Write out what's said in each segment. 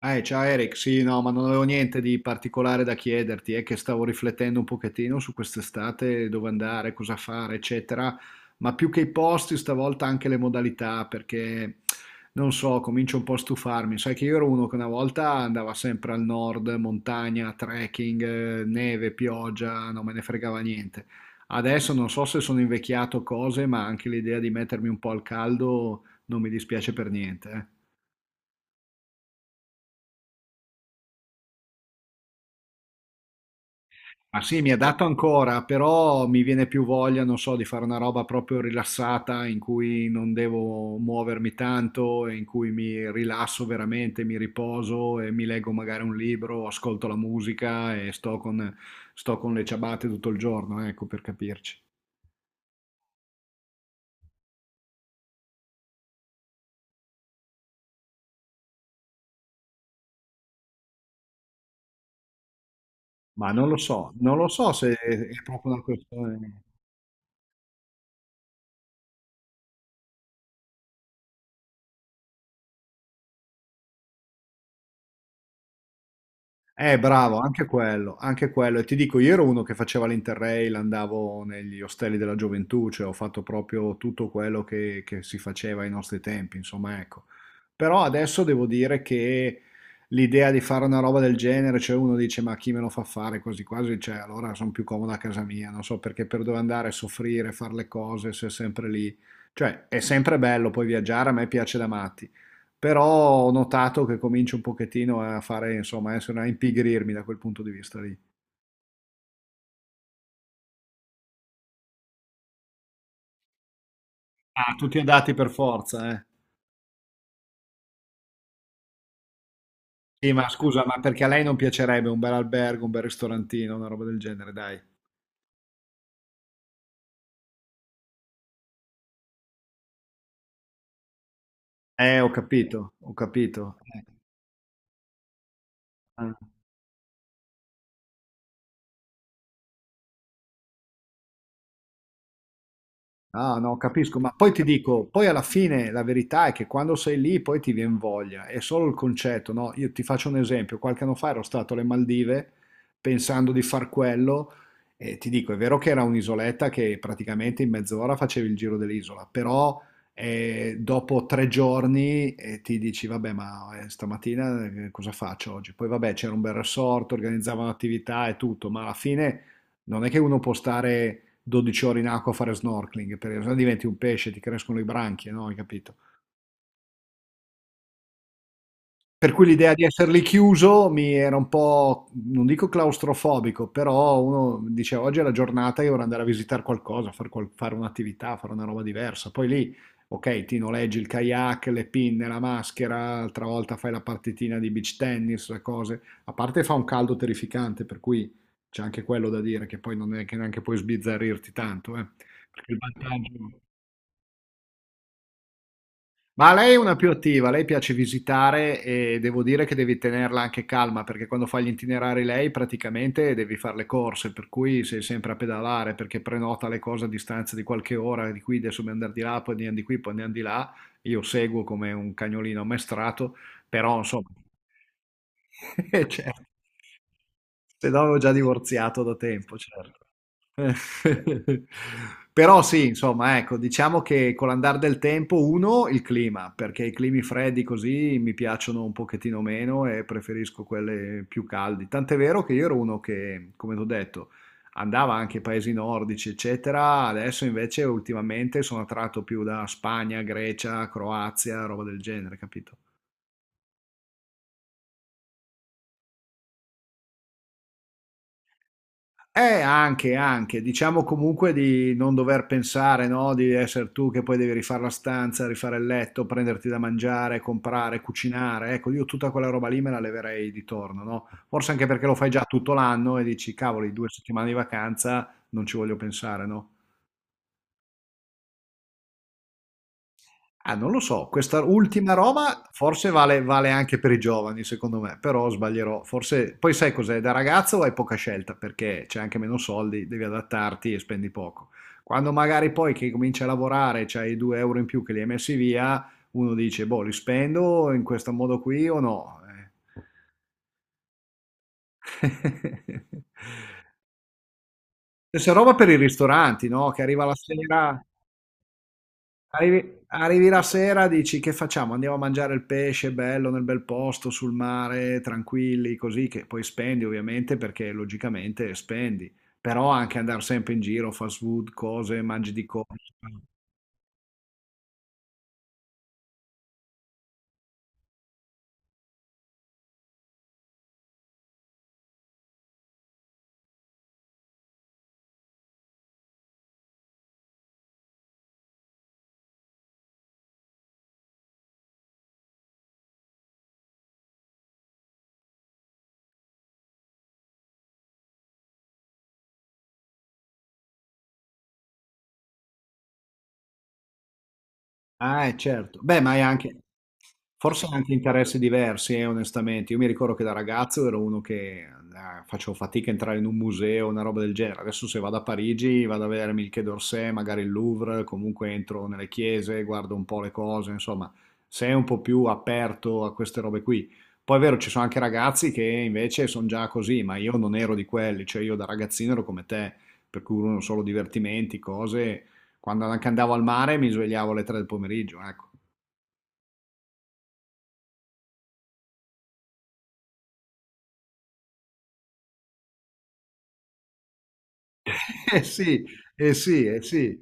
Ciao Eric, sì, no, ma non avevo niente di particolare da chiederti, è che stavo riflettendo un pochettino su quest'estate, dove andare, cosa fare, eccetera, ma più che i posti, stavolta anche le modalità, perché non so, comincio un po' a stufarmi. Sai che io ero uno che una volta andava sempre al nord, montagna, trekking, neve, pioggia, non me ne fregava niente. Adesso non so se sono invecchiato o cose, ma anche l'idea di mettermi un po' al caldo non mi dispiace per niente, eh. Ma sì, mi è dato ancora, però mi viene più voglia, non so, di fare una roba proprio rilassata in cui non devo muovermi tanto, e in cui mi rilasso veramente, mi riposo e mi leggo magari un libro, ascolto la musica e sto con le ciabatte tutto il giorno, ecco, per capirci. Ma non lo so se è proprio una questione. Bravo, anche quello, anche quello. E ti dico, io ero uno che faceva l'Interrail, andavo negli ostelli della gioventù, cioè ho fatto proprio tutto quello che si faceva ai nostri tempi, insomma, ecco. Però adesso devo dire che l'idea di fare una roba del genere, cioè uno dice, ma chi me lo fa fare quasi quasi, cioè allora sono più comodo a casa mia, non so perché per dove andare a soffrire, fare le cose, se è sempre lì. Cioè, è sempre bello poi viaggiare, a me piace da matti, però ho notato che comincio un pochettino a fare, insomma, a impigrirmi da quel punto di vista lì. Ah, tutti andati per forza, eh. Sì, ma scusa, ma perché a lei non piacerebbe un bel albergo, un bel ristorantino, una roba del genere, dai. Ho capito, ho capito. Eh. Ah, no, capisco, ma poi ti dico, poi alla fine la verità è che quando sei lì poi ti viene voglia, è solo il concetto, no? Io ti faccio un esempio, qualche anno fa ero stato alle Maldive pensando di far quello e ti dico, è vero che era un'isoletta che praticamente in mezz'ora facevi il giro dell'isola, però dopo 3 giorni , ti dici, vabbè, ma stamattina, cosa faccio oggi? Poi vabbè, c'era un bel resort, organizzavano attività e tutto, ma alla fine non è che uno può stare 12 ore in acqua a fare snorkeling, per esempio, diventi un pesce, ti crescono le branchie, no? Hai capito? Per cui l'idea di essere lì chiuso mi era un po', non dico claustrofobico, però uno dice oggi è la giornata, io vorrei andare a visitare qualcosa, fare un'attività, fare una roba diversa. Poi lì, ok, ti noleggi il kayak, le pinne, la maschera, altra volta fai la partitina di beach tennis, le cose. A parte fa un caldo terrificante, per cui c'è anche quello da dire, che poi non è che neanche puoi sbizzarrirti tanto, eh. Perché il vantaggio. Ma lei è una più attiva, lei piace visitare e devo dire che devi tenerla anche calma perché quando fa gli itinerari lei praticamente devi fare le corse, per cui sei sempre a pedalare perché prenota le cose a distanza di qualche ora, di qui adesso dobbiamo andare di là, poi andiamo di qui, poi andiamo di là. Io seguo come un cagnolino ammaestrato, però insomma, certo, se no avevo già divorziato da tempo, certo. Eh. Però sì, insomma, ecco, diciamo che con l'andare del tempo, uno, il clima, perché i climi freddi così mi piacciono un pochettino meno e preferisco quelli più caldi. Tant'è vero che io ero uno che, come ti ho detto, andava anche ai paesi nordici, eccetera. Adesso invece ultimamente sono attratto più da Spagna, Grecia, Croazia, roba del genere, capito? Anche, anche, diciamo comunque di non dover pensare, no? Di essere tu che poi devi rifare la stanza, rifare il letto, prenderti da mangiare, comprare, cucinare. Ecco, io tutta quella roba lì me la leverei di torno, no? Forse anche perché lo fai già tutto l'anno e dici, cavoli, 2 settimane di vacanza, non ci voglio pensare, no? Ah, non lo so, questa ultima roba forse vale anche per i giovani, secondo me, però sbaglierò. Forse poi sai cos'è, da ragazzo hai poca scelta perché c'è anche meno soldi, devi adattarti e spendi poco. Quando magari poi che cominci a lavorare, c'hai i 2 euro in più che li hai messi via, uno dice, boh, li spendo in questo modo qui o no? Stessa roba per i ristoranti, no? Che arriva la sera. Arrivi la sera, dici che facciamo? Andiamo a mangiare il pesce bello nel bel posto, sul mare, tranquilli, così che poi spendi ovviamente perché logicamente spendi, però anche andare sempre in giro, fast food, cose, mangi di corsa. Ah, certo. Beh, ma è anche forse anche interessi diversi, onestamente. Io mi ricordo che da ragazzo ero uno che facevo fatica a entrare in un museo, una roba del genere. Adesso se vado a Parigi, vado a vedermi il Quai d'Orsay, magari il Louvre, comunque entro nelle chiese, guardo un po' le cose, insomma, sei un po' più aperto a queste robe qui. Poi è vero, ci sono anche ragazzi che invece sono già così, ma io non ero di quelli, cioè io da ragazzino ero come te, per cui uno solo divertimenti, cose, quando anche andavo al mare mi svegliavo alle 3 del pomeriggio, ecco. Eh sì, eh sì, eh sì.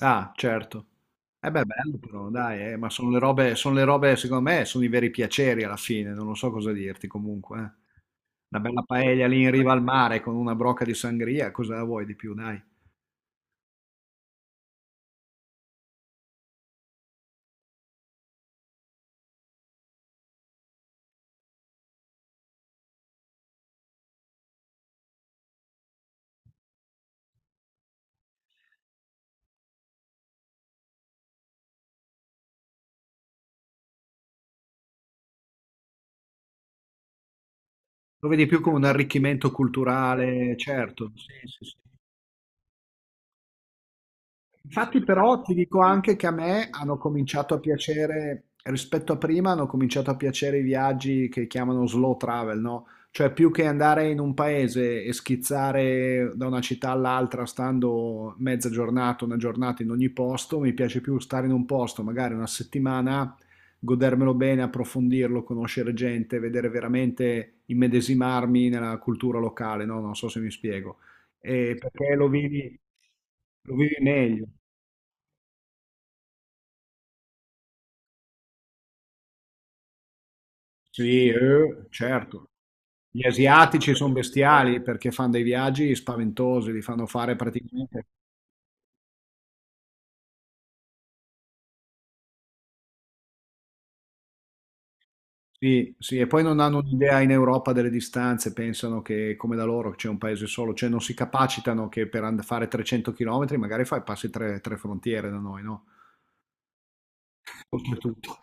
Ah, certo. Eh beh, bello però, dai, ma sono le robe, secondo me, sono i veri piaceri alla fine, non lo so cosa dirti comunque. Una bella paella lì in riva al mare con una brocca di sangria, cosa vuoi di più, dai? Lo vedi più come un arricchimento culturale, certo, sì, sì, sì. Infatti però ti dico anche che a me hanno cominciato a piacere, rispetto a prima, hanno cominciato a piacere i viaggi che chiamano slow travel, no? Cioè più che andare in un paese e schizzare da una città all'altra stando mezza giornata, una giornata in ogni posto, mi piace più stare in un posto, magari una settimana, godermelo bene, approfondirlo, conoscere gente, vedere veramente, immedesimarmi nella cultura locale, no? Non so se mi spiego. Perché lo vivi meglio. Sì, certo. Gli asiatici sono bestiali perché fanno dei viaggi spaventosi, li fanno fare praticamente. Sì, sì, e poi non hanno un'idea in Europa delle distanze, pensano che come da loro c'è un paese solo, cioè non si capacitano che fare 300 km magari fai, passi tre frontiere da noi, no? Oltretutto.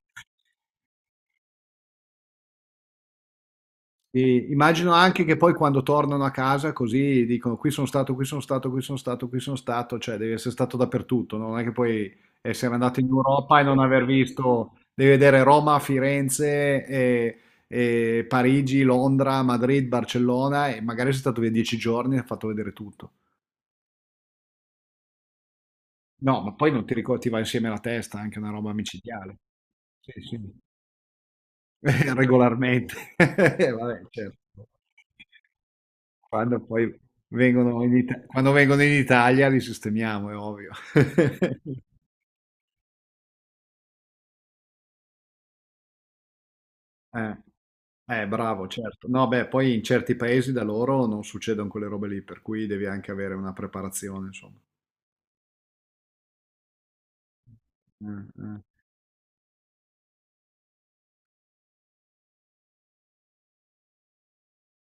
Sì, immagino anche che poi quando tornano a casa così dicono qui sono stato, qui sono stato, qui sono stato, qui sono stato, cioè devi essere stato dappertutto, no? Non è che puoi essere andato in Europa e non aver visto, devi vedere Roma, Firenze, e Parigi, Londra, Madrid, Barcellona e magari sei stato via 10 giorni e hai fatto vedere tutto. No, ma poi non ti ricordi, ti va insieme la testa, anche una roba micidiale. Sì, sì, regolarmente. Vabbè, certo. Quando poi quando vengono in Italia li sistemiamo, è ovvio. Eh, bravo, certo. No, beh, poi in certi paesi da loro non succedono quelle robe lì, per cui devi anche avere una preparazione, insomma. Eh, eh.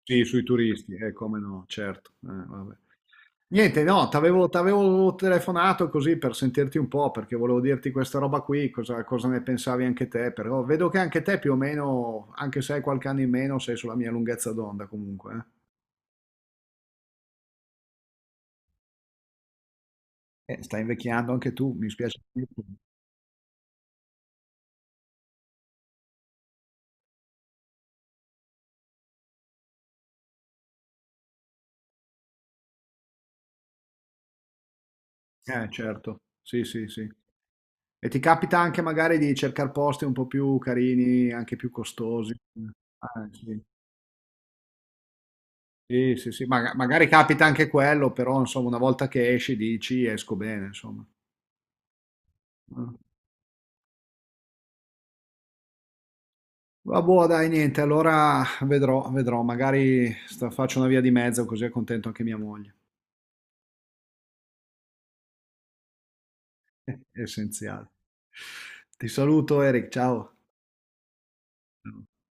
Sì, sui turisti, come no, certo. Vabbè. Niente, no, t'avevo telefonato così per sentirti un po', perché volevo dirti questa roba qui, cosa ne pensavi anche te, però vedo che anche te più o meno, anche se hai qualche anno in meno, sei sulla mia lunghezza d'onda comunque. Stai invecchiando anche tu, mi spiace dirlo. Certo, sì, sì, sì. E ti capita anche magari di cercare posti un po' più carini, anche più costosi. Sì. Sì, sì, sì, magari capita anche quello, però insomma una volta che esci dici esco bene, insomma. Eh. Vabbè, dai, niente, allora vedrò, magari faccio una via di mezzo così è contento anche mia moglie. È essenziale. Ti saluto Eric, ciao. Ciao.